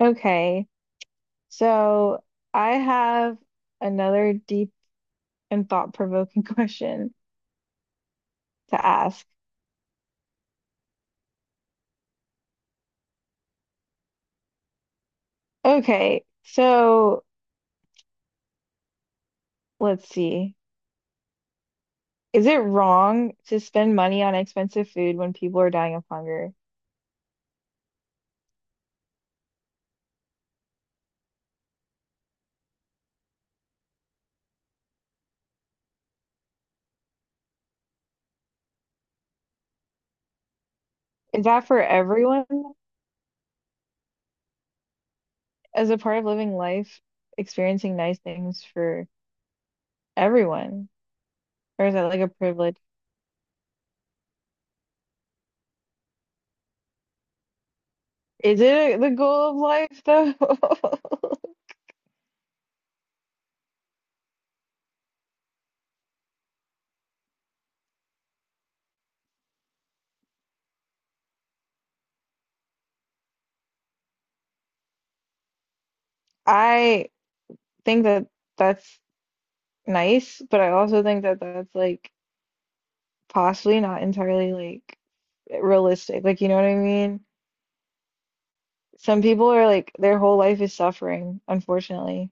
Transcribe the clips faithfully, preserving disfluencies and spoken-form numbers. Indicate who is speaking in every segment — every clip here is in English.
Speaker 1: Okay, so I have another deep and thought-provoking question to ask. Okay, so let's see. Is it wrong to spend money on expensive food when people are dying of hunger? Is that for everyone? As a part of living life, experiencing nice things for everyone? Or is that like a privilege? Is it the goal of life though? I think that that's nice, but I also think that that's like possibly not entirely like realistic. Like, you know what I mean? Some people are like their whole life is suffering, unfortunately.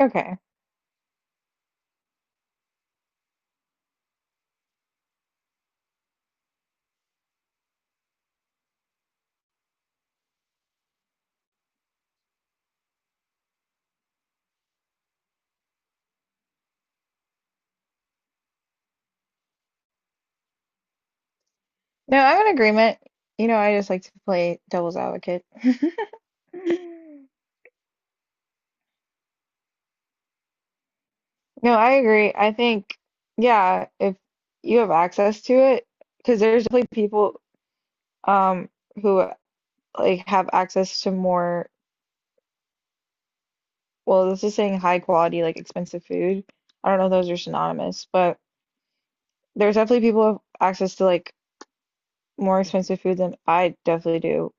Speaker 1: Okay. No, I'm in agreement. You know, I just like to play devil's advocate. No, I agree. I think, yeah, if you have access to it, because there's definitely people um who like have access to more. Well, this is saying high quality, like expensive food. I don't know if those are synonymous, but there's definitely people who have access to like more expensive food than I definitely do.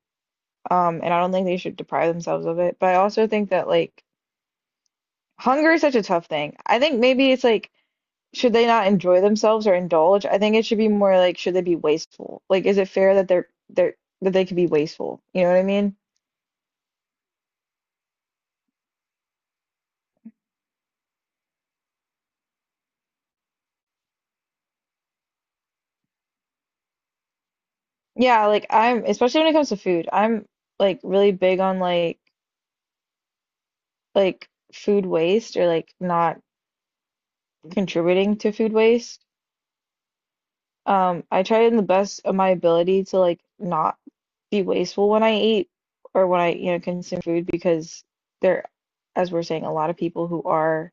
Speaker 1: Um, and I don't think they should deprive themselves of it. But I also think that like hunger is such a tough thing. I think maybe it's like should they not enjoy themselves or indulge? I think it should be more like should they be wasteful? Like is it fair that they're they're that they could be wasteful? You know what I mean? Yeah, like I'm especially when it comes to food, I'm like really big on like like food waste or like not contributing to food waste. Um, I try in the best of my ability to like not be wasteful when I eat or when I, you know, consume food because there, as we're saying, a lot of people who are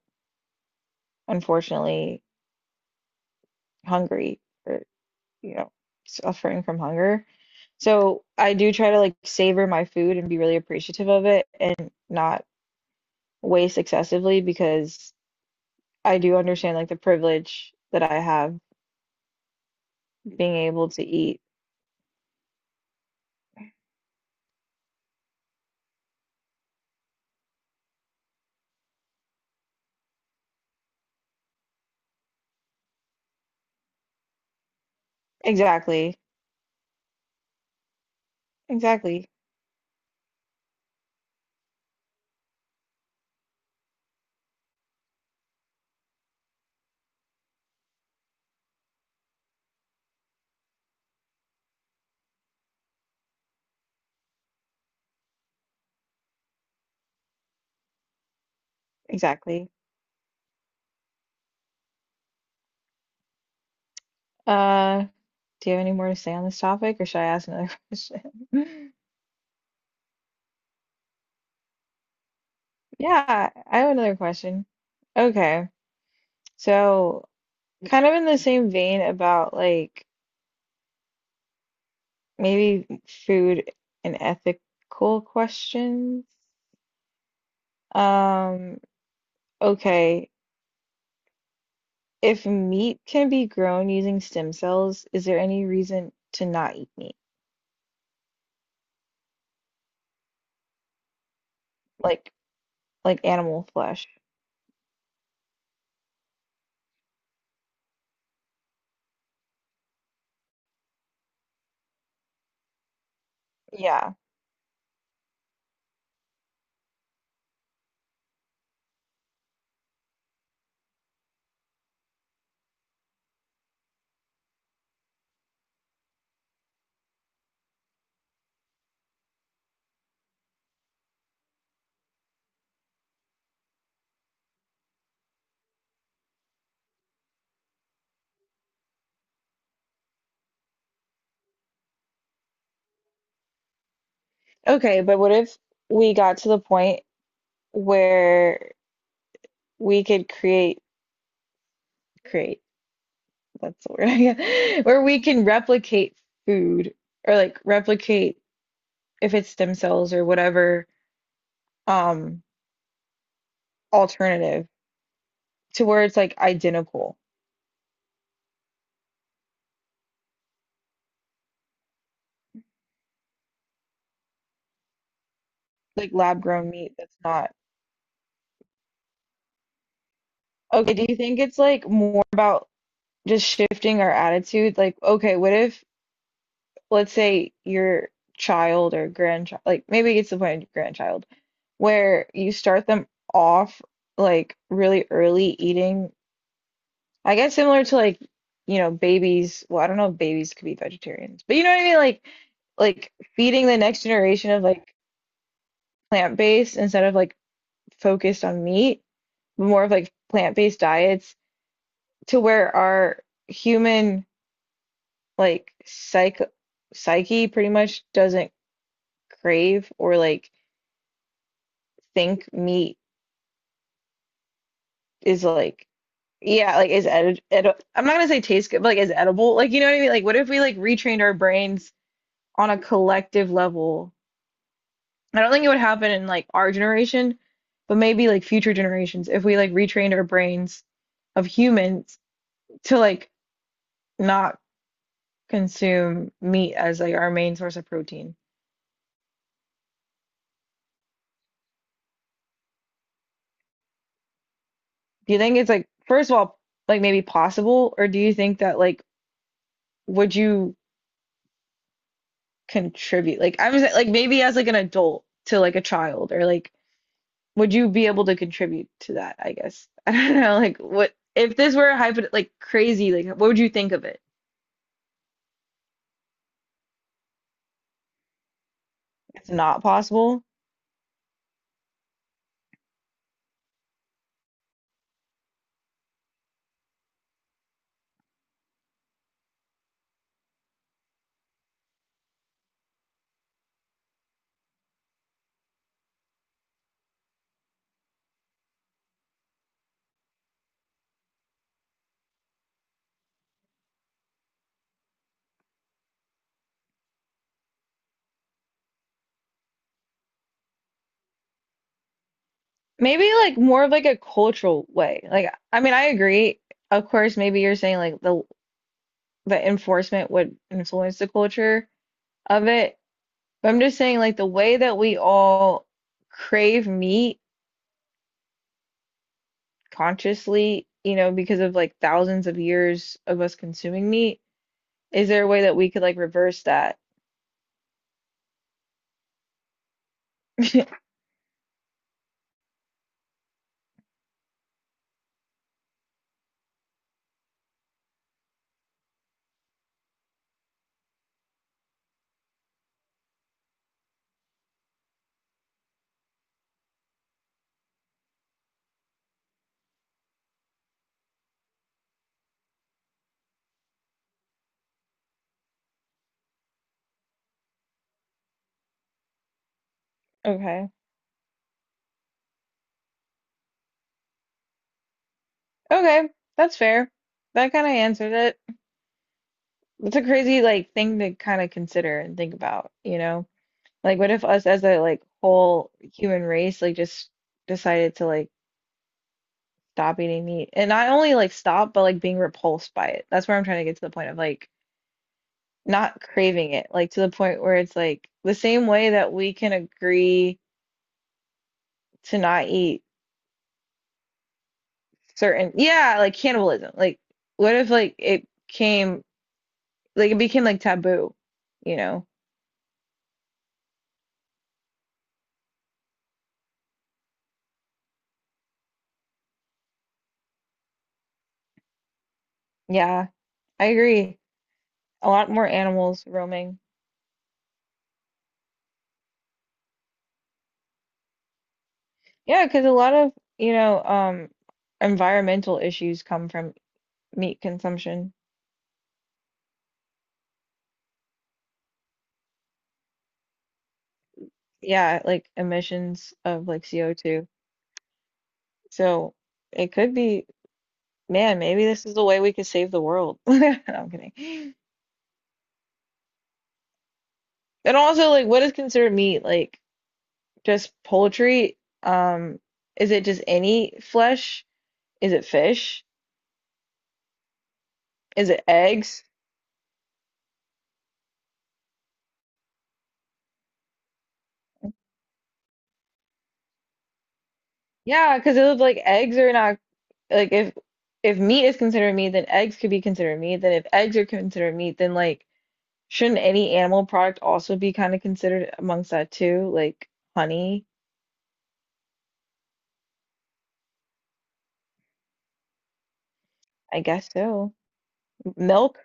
Speaker 1: unfortunately hungry or, you know, suffering from hunger. So I do try to like savor my food and be really appreciative of it and not waste excessively because I do understand like the privilege that I have being able to eat. Exactly. Exactly. Exactly. Uh Do you have any more to say on this topic, or should I ask another question? Yeah, I have another question. Okay, so kind of in the same vein about like maybe food and ethical questions. Um, okay, if meat can be grown using stem cells, is there any reason to not eat meat? Like like animal flesh. Yeah. Okay, but what if we got to the point where we could create create That's the word. Yeah. Where we can replicate food or like replicate if it's stem cells or whatever um alternative to where it's like identical, like lab grown meat that's not. Okay, do you think it's like more about just shifting our attitude? Like, okay, what if let's say your child or grandchild, like maybe it's the point of grandchild, where you start them off like really early eating. I guess similar to like, you know, babies. Well, I don't know if babies could be vegetarians, but you know what I mean? Like, like feeding the next generation of like plant-based instead of like focused on meat, more of like plant-based diets to where our human like psych psyche pretty much doesn't crave or like think meat is like yeah, like is edi edi I'm not gonna say taste good, but like is edible. Like you know what I mean? Like what if we like retrained our brains on a collective level? I don't think it would happen in like our generation, but maybe like future generations if we like retrained our brains of humans to like not consume meat as like our main source of protein. Do you think it's like first of all like maybe possible or do you think that like would you contribute? Like I'm just like maybe as like an adult to like a child or like would you be able to contribute to that, I guess. I don't know like what if this were a hypo like crazy like what would you think of it? It's not possible. Maybe like more of like a cultural way. Like I mean, I agree. Of course, maybe you're saying like the the enforcement would influence the culture of it. But I'm just saying like the way that we all crave meat consciously, you know, because of like thousands of years of us consuming meat, is there a way that we could like reverse that? Okay. Okay, that's fair. That kind of answered it. It's a crazy like thing to kind of consider and think about, you know? Like, what if us as a like whole human race like just decided to like stop eating meat and not only like stop, but like being repulsed by it. That's where I'm trying to get to the point of like not craving it, like to the point where it's like the same way that we can agree to not eat certain, yeah, like cannibalism. Like, what if like it came like it became like taboo, you know? Yeah, I agree. A lot more animals roaming. Yeah, because a lot of, you know, um, environmental issues come from meat consumption. Yeah, like emissions of like C O two. So it could be, man, maybe this is the way we could save the world. No, I'm kidding. And also, like, what is considered meat? Like, just poultry? Um, is it just any flesh? Is it fish? Is it eggs? Yeah, because it was like eggs are not. Like if if meat is considered meat, then eggs could be considered meat. Then if eggs are considered meat, then like shouldn't any animal product also be kind of considered amongst that too? Like honey, I guess so. Milk?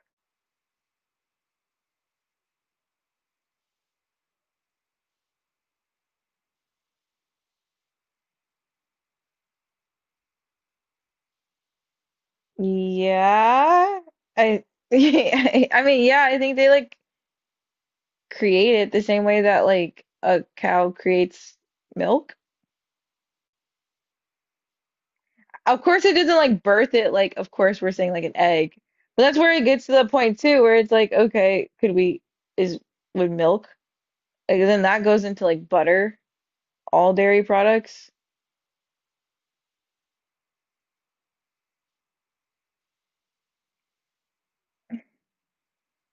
Speaker 1: Yeah. I I mean, yeah, I think they like create it the same way that like a cow creates milk. Of course it doesn't like birth it like of course we're saying like an egg. But that's where it gets to the point too where it's like okay, could we is would milk like, then that goes into like butter, all dairy products.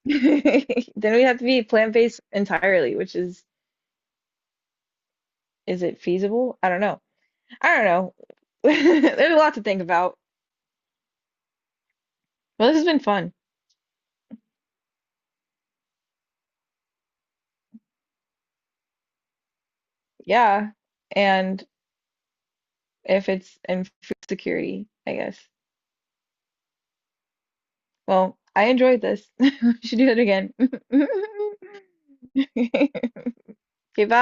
Speaker 1: Then we have to be plant-based entirely, which is. Is it feasible? I don't know. I don't know. There's a lot to think about. Well, this has been fun. Yeah. And if it's in food security, I guess. Well, I enjoyed this. We should do that again. Okay, bye.